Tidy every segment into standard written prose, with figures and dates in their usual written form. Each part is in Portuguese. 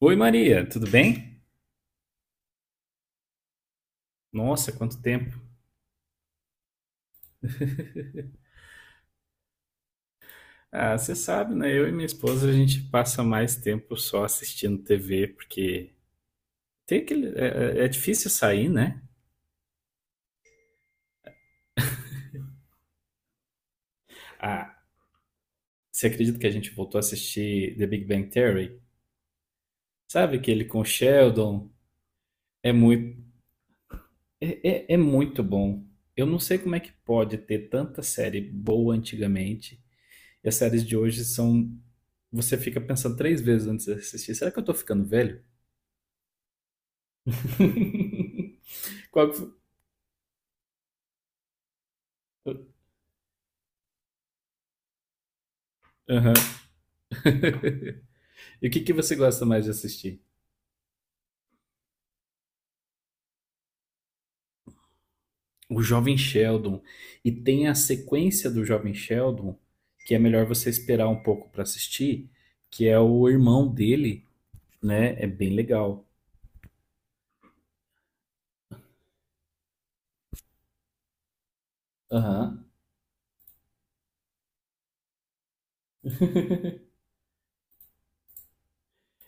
Oi Maria, tudo bem? Nossa, quanto tempo. Ah, você sabe, né? Eu e minha esposa a gente passa mais tempo só assistindo TV, porque tem aquele, é difícil sair, né? Ah, você acredita que a gente voltou a assistir The Big Bang Theory? Sabe aquele com o Sheldon? É muito, é muito bom. Eu não sei como é que pode ter tanta série boa antigamente e as séries de hoje são. Você fica pensando três vezes antes de assistir. Será que eu tô ficando velho? Qual que foi? Aham. E o que que você gosta mais de assistir? O Jovem Sheldon. E tem a sequência do Jovem Sheldon, que é melhor você esperar um pouco pra assistir, que é o irmão dele, né? É bem legal. Aham.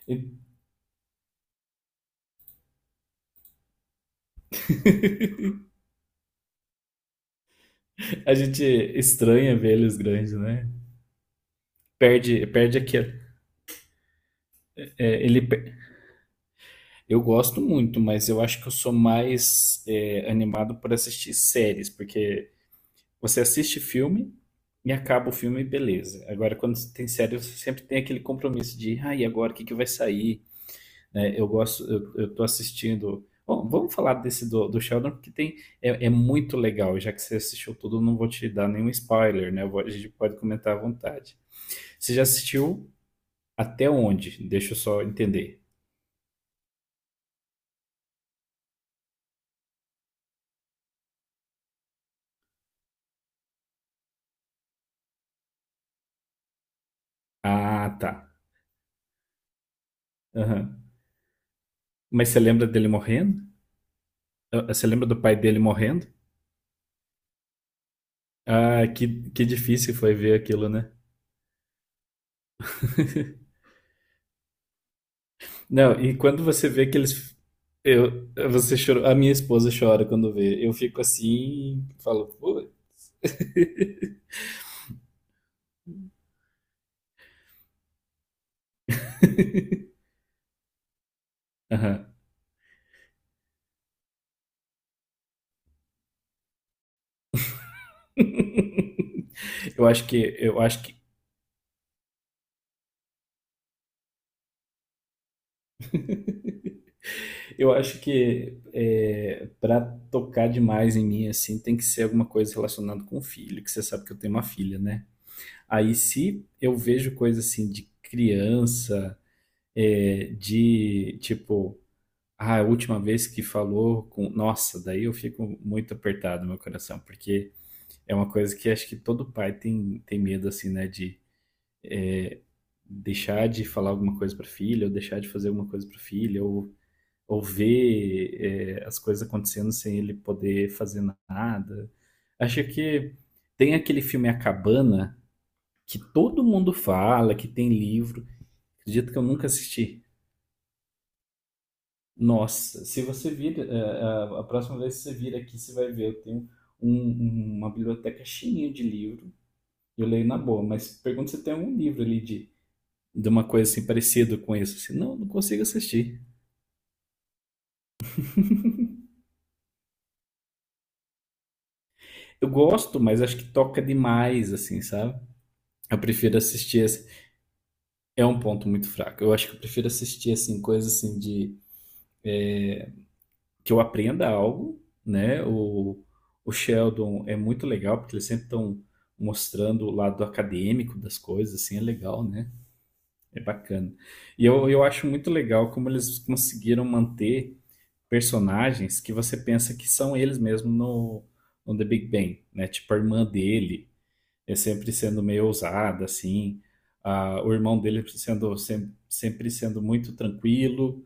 E- A gente estranha ver eles grandes, né? Perde, perde aqui. é, ele, per- eu gosto muito, mas eu acho que eu sou mais animado por assistir séries, porque você assiste filme e acaba o filme, beleza. Agora, quando tem série, você sempre tem aquele compromisso de, ah, e agora o que que vai sair? Né? Eu gosto, eu tô assistindo. Bom, vamos falar desse do Sheldon, porque tem, é muito legal. Já que você assistiu tudo, eu não vou te dar nenhum spoiler, né? A gente pode comentar à vontade. Você já assistiu até onde? Deixa eu só entender. Ah, tá. Aham. Mas você lembra dele morrendo? Ah, você lembra do pai dele morrendo? Ah, que difícil foi ver aquilo, né? Não, e quando você vê que eles. Eu, você chorou, a minha esposa chora quando vê. Eu fico assim, falo, pô. Aham. Eu acho que, eu acho que, eu acho que para tocar demais em mim assim, tem que ser alguma coisa relacionada com o filho, que você sabe que eu tenho uma filha, né? Aí se eu vejo coisa assim de criança, é, de tipo, ah, a última vez que falou com, nossa, daí eu fico muito apertado no meu coração, porque é uma coisa que acho que todo pai tem, tem medo, assim, né? De deixar de falar alguma coisa para filha, ou deixar de fazer alguma coisa para filha, ou ver as coisas acontecendo sem ele poder fazer nada. Acho que tem aquele filme A Cabana, que todo mundo fala, que tem livro. Acredito que eu nunca assisti. Nossa, se você vir, a próxima vez que você vir aqui, você vai ver. Eu tenho um- uma biblioteca cheinha de livro. Eu leio na boa, mas pergunta se tem algum livro ali de uma coisa assim parecida com isso. Assim, não consigo assistir. Eu gosto, mas acho que toca demais, assim, sabe? Eu prefiro assistir. Assim, é um ponto muito fraco. Eu acho que eu prefiro assistir assim coisas assim de que eu aprenda algo, né? O Sheldon é muito legal porque eles sempre estão mostrando o lado acadêmico das coisas, assim é legal, né? É bacana. E eu acho muito legal como eles conseguiram manter personagens que você pensa que são eles mesmo no The Big Bang, né? Tipo a irmã dele, é sempre sendo meio ousada, assim. Ah, o irmão dele sendo sempre sendo muito tranquilo,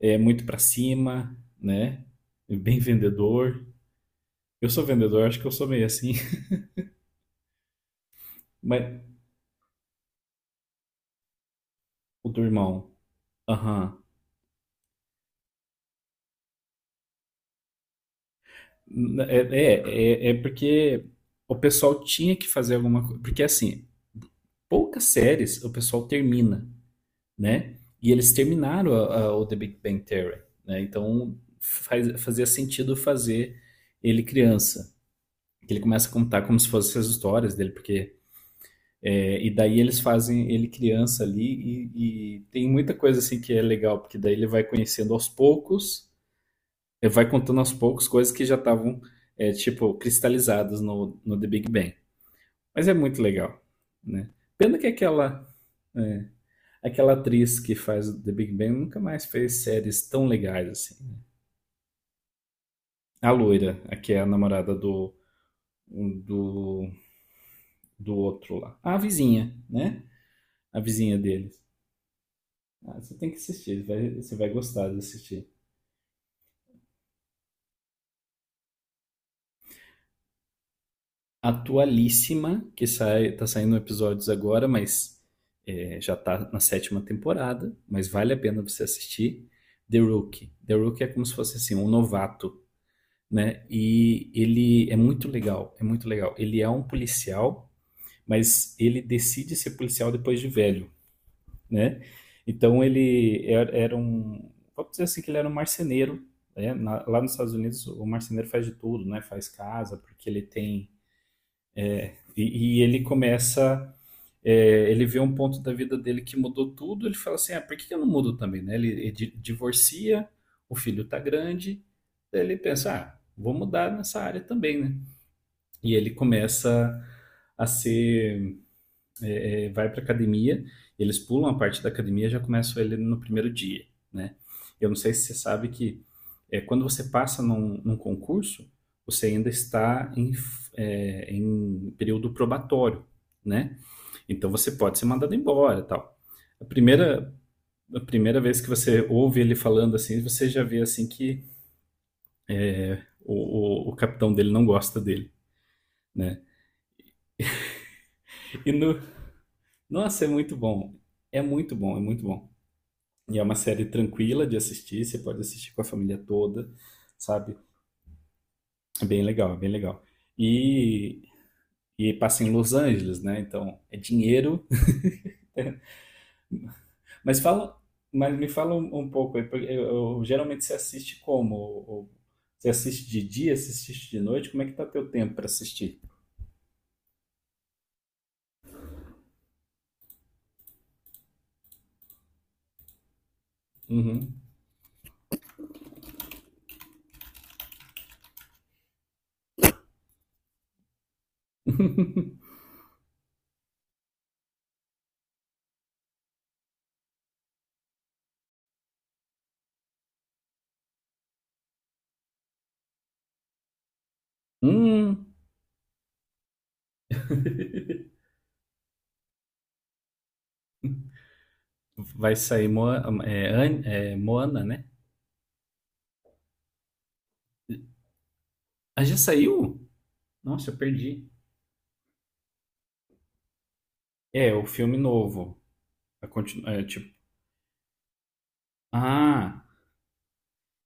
é muito pra cima, né? E bem vendedor. Eu sou vendedor, acho que eu sou meio assim. Mas o do irmão, aham. É, é porque o pessoal tinha que fazer alguma coisa. Porque assim, poucas séries o pessoal termina. Né? E eles terminaram o The Big Bang Theory, né? Então fazia sentido fazer ele criança. Ele começa a contar como se fossem as histórias dele, porque é, e daí eles fazem ele criança ali e tem muita coisa assim que é legal, porque daí ele vai conhecendo aos poucos, ele vai contando aos poucos coisas que já estavam tipo cristalizadas no The Big Bang. Mas é muito legal, né? Pena que aquela é, aquela atriz que faz The Big Bang nunca mais fez séries tão legais assim. A loira, a que é a namorada um, do, do outro lá. A vizinha, né? A vizinha deles. Ah, você tem que assistir, você vai gostar de assistir. Atualíssima, que sai, tá saindo episódios agora, mas é, já tá na sétima temporada, mas vale a pena você assistir. The Rookie. The Rookie é como se fosse assim, um novato, né? E ele é muito legal, é muito legal. Ele é um policial mas ele decide ser policial depois de velho, né? Então era um, vamos dizer assim que ele era um marceneiro, né? Na- lá nos Estados Unidos o marceneiro faz de tudo, né? Faz casa porque ele tem e ele começa é, ele vê um ponto da vida dele que mudou tudo, ele fala assim, ah, por que que eu não mudo também, né? Divorcia, o filho tá grande, daí ele pensa, ah, vou mudar nessa área também, né? E ele começa a ser vai para academia, eles pulam a parte da academia e já começam ele no primeiro dia, né? Eu não sei se você sabe que é, quando você passa num concurso, você ainda está em, é, em período probatório, né? Então você pode ser mandado embora, e tal. A primeira a primeira vez que você ouve ele falando assim, você já vê assim que o capitão dele não gosta dele, né? E no, nossa, é muito bom, é muito bom, é muito bom. E é uma série tranquila de assistir, você pode assistir com a família toda, sabe? É bem legal, é bem legal. E, e passa em Los Angeles, né? Então é dinheiro. Mas fala, mas me fala um, um pouco, aí, porque eu, geralmente você assiste como? Ou Você assiste de dia, você assiste de noite? Como é que tá teu tempo para assistir? Uhum. Hum, vai sair Moana, né? Ah, já saiu? Nossa, eu perdi. É, o filme novo. A continu- é, tipo Ah,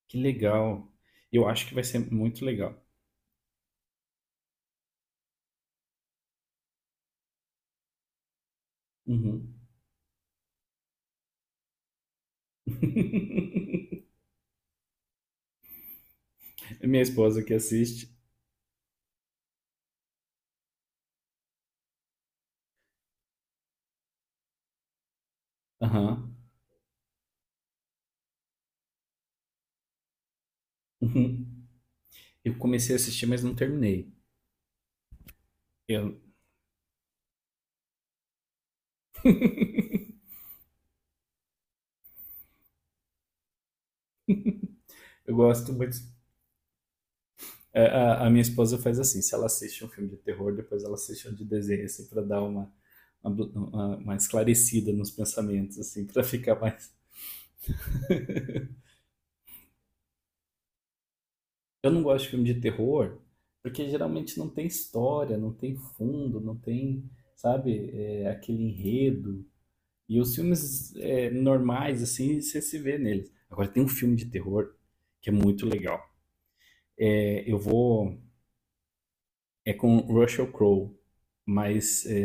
que legal. Eu acho que vai ser muito legal. Uhum. Minha esposa que assiste. Aham. Uhum. Eu comecei a assistir, mas não terminei. Eu, eu gosto muito. A minha esposa faz assim: se ela assiste um filme de terror, depois ela assiste um de desenho, assim, pra dar uma, uma esclarecida nos pensamentos, assim, pra ficar mais. Eu não gosto de filme de terror, porque geralmente não tem história, não tem fundo, não tem, sabe, é, aquele enredo. E os filmes normais, assim, você se vê neles. Agora tem um filme de terror que é muito legal. É, eu vou. É com Russell Crowe, mas é,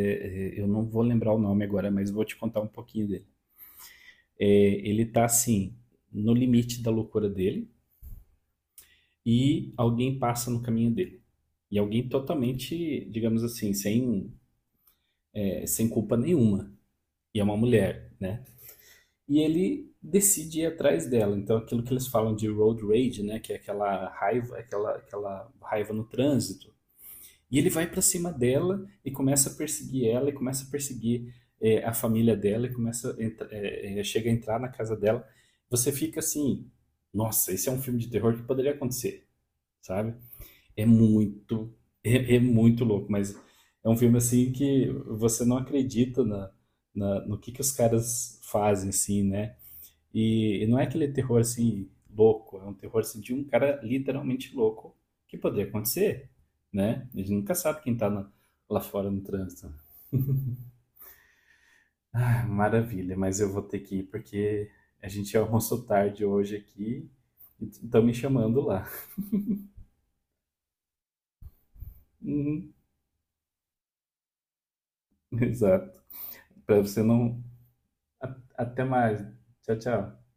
é, eu não vou lembrar o nome agora, mas vou te contar um pouquinho dele. É, ele tá assim, no limite da loucura dele, e alguém passa no caminho dele. E alguém totalmente, digamos assim, sem culpa nenhuma. E é uma mulher, né? E ele decide ir atrás dela. Então, aquilo que eles falam de road rage, né, que é aquela raiva, aquela raiva no trânsito. E ele vai para cima dela e começa a perseguir ela, e começa a perseguir a família dela, e começa a chega a entrar na casa dela. Você fica assim, nossa, esse é um filme de terror que poderia acontecer, sabe? É muito, é muito louco, mas é um filme assim que você não acredita no que os caras fazem, assim, né? E não é aquele terror assim louco, é um terror assim, de um cara literalmente louco que poderia acontecer, né? A gente nunca sabe quem lá fora no trânsito. Ah, maravilha, mas eu vou ter que ir porque a gente almoçou tarde hoje aqui e estão me chamando lá. Uhum, exato. Para você não. Até mais. Tchau, tchau.